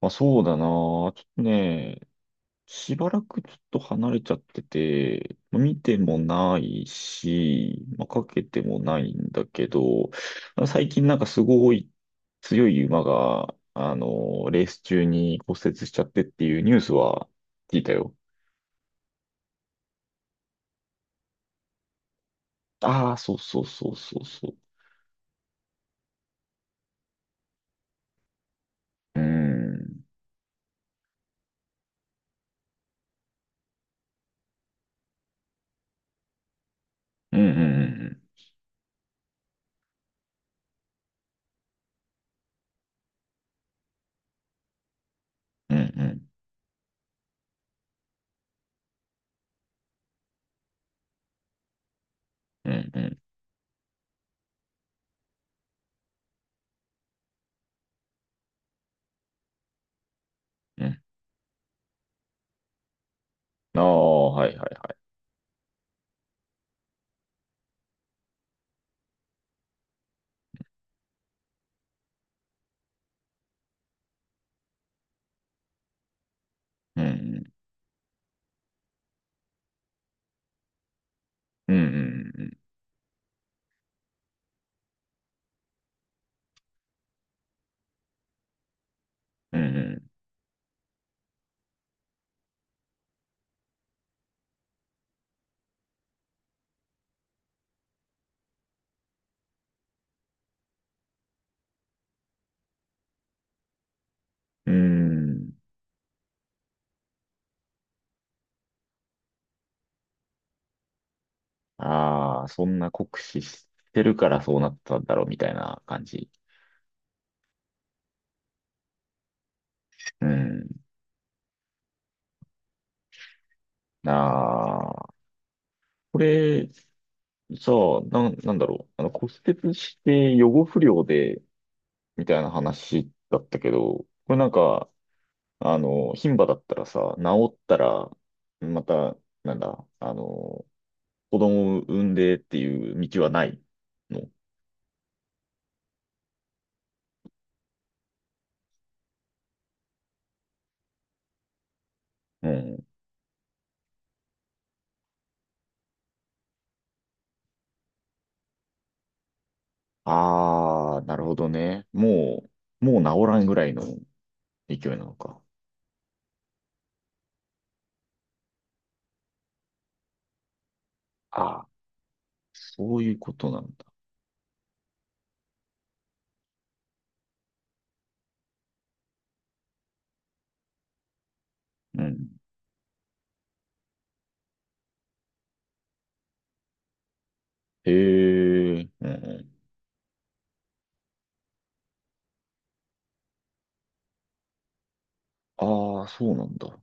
まあそうだな。ちょっとね、しばらくちょっと離れちゃってて、まあ見てもないし、まあ、かけてもないんだけど、まあ最近なんかすごい強い馬が、あの、レース中に骨折しちゃってっていうニュースは聞いたよ。ああ、そうそうそうそうそう。うーん。うんうんうんうん。うんうんうんうんうん。ああ、はいはい。うんうんうんうんうんうんうんうん。ああ、そんな酷使してるからそうなったんだろうみたいな感じ。うん。ああ、これ、さあ、なんだろう。あの、骨折して予後不良で、みたいな話だったけど、これなんか、あの、牝馬だったらさ、治ったら、また、なんだ、あの、子供を産んでっていう道はないの。うん。ああ、なるほどね。もう治らんぐらいの勢いなのか。ああ。そういうことなんだ。うん。へえ、うんうん。ああ、そうなんだ。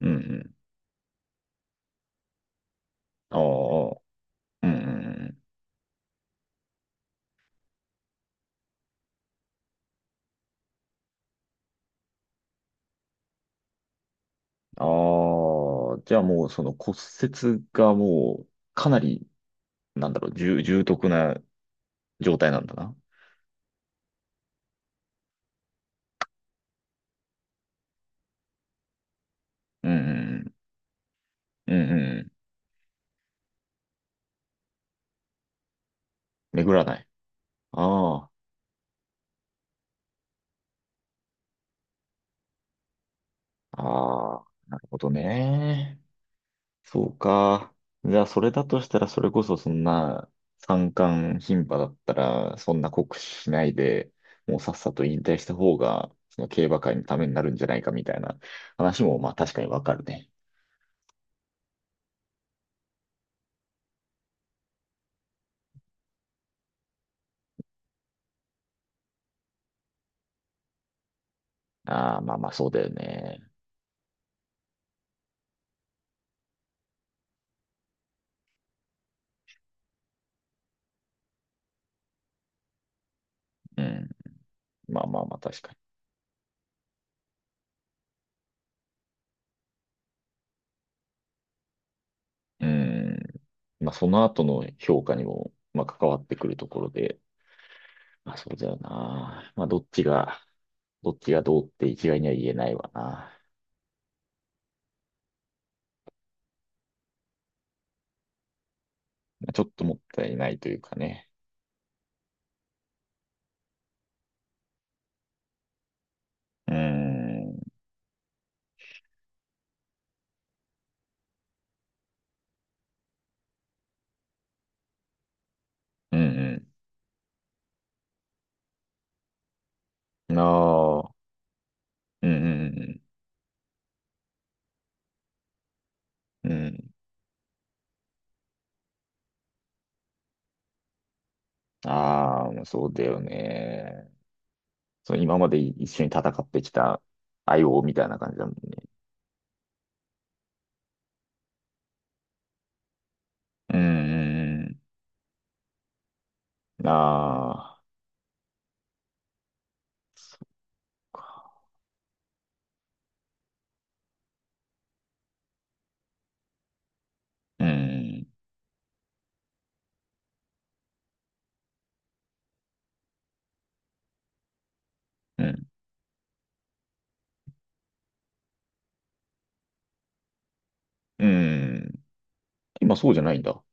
うんうん。ああ、うんうんうん。ああ、じゃあもうその骨折がもうかなり、なんだろう、重篤な状態なんだな。うんうんうん。うんうん。巡らない。ああ、ああ、なるほどね。そうか。じゃあ、それだとしたら、それこそそんな三冠牝馬だったら、そんな酷使しないで、もうさっさと引退した方が、その競馬界のためになるんじゃないかみたいな話も、まあ確かにわかるね。ああ、まあまあそうだよね。うん。まあまあまあ確かに。うん。まあその後の評価にも、まあ関わってくるところで、まあそうだよな。まあどっちがどうって一概には言えないわな。まあちょっともったいないというかね。うーん。うん。うん。ああ。うん。うん。うん。うんああ、そうだよね。そう、今まで一緒に戦ってきた相棒みたいな感じだもんね。うん。うんああ。うん。うん。うん。今そうじゃないんだ。あ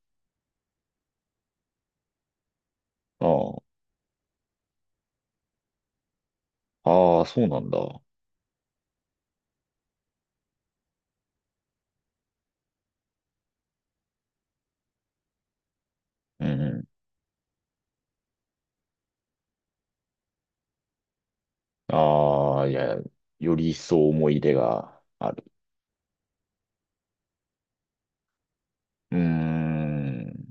あ。ああ、そうなんだ。うん。うんああ、いや、より一層思い入れがある。うーん。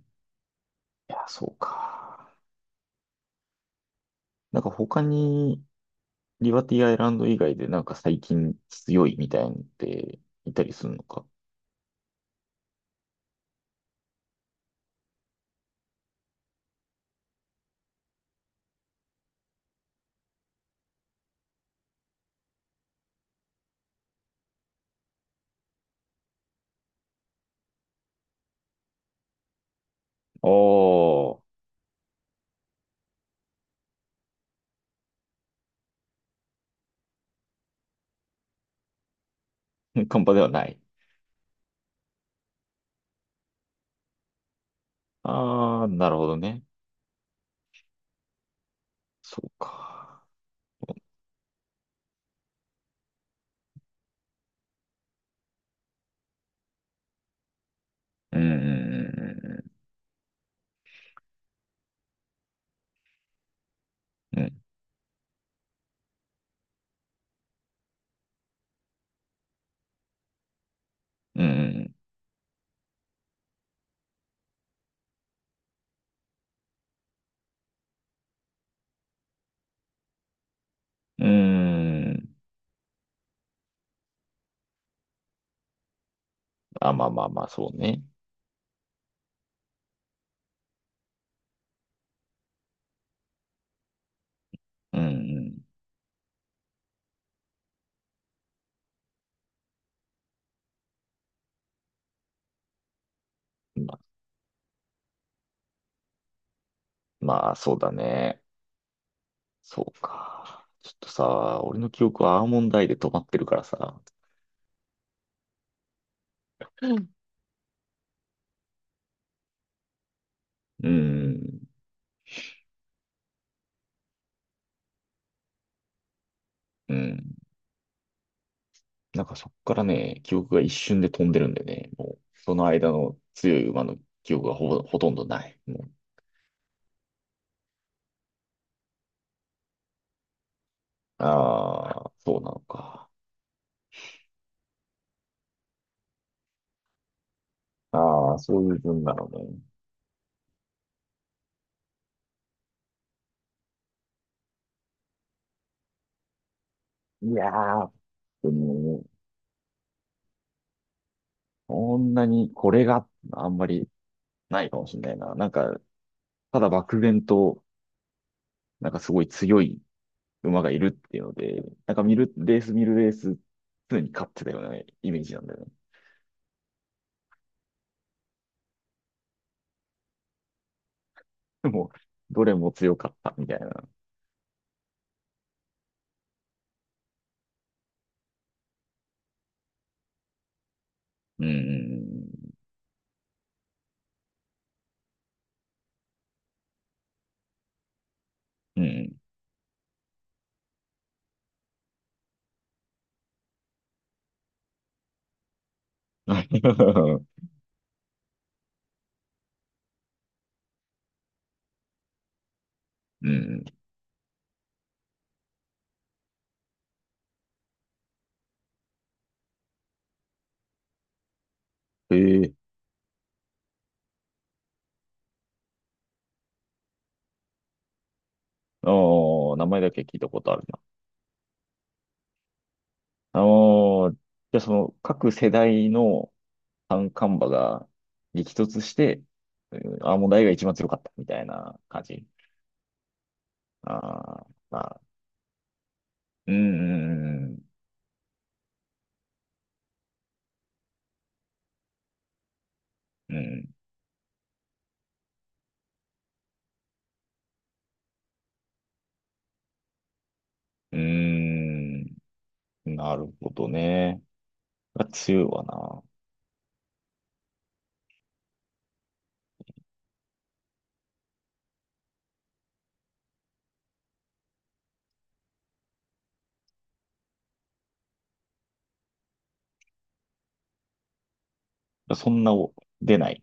いや、そうか。なんか他に、リバティアイランド以外でなんか最近強いみたいなのっていたりするのか。ああ、カンパではない。ああ、なるほどね。そうか。うーん、うん、うん、うん。うーんあ、まあまあまあ、そうね。うん、うん。ま、まあ、そうだね。そうか。ちょっとさ、俺の記憶はアーモンドアイで止まってるからさ。うん、うん。なんかそっからね、記憶が一瞬で飛んでるんでね、もう、その間の強い馬の記憶がほぼ、ほとんどない。もう、ああ、そうなのか。ああ、そういう分なのね。いやー、でも、そんなにこれがあんまりないかもしれないな。なんか、ただ漠然と、なんかすごい強い馬がいるっていうので、なんか見る、レース見るレース、常に勝ってたようなイメージなんだよね。でも、どれも強かったみたいな。うん、うん、うん。うん。ええあ名前だけ聞いたことあるな。あのーじゃあその各世代の三冠馬が激突して、うんアーモンドアイが一番強かったみたいな感じ。ああ、まあ、うん、うん、うん、うん、うんなるほどね。が強いわな。そんなお出ない。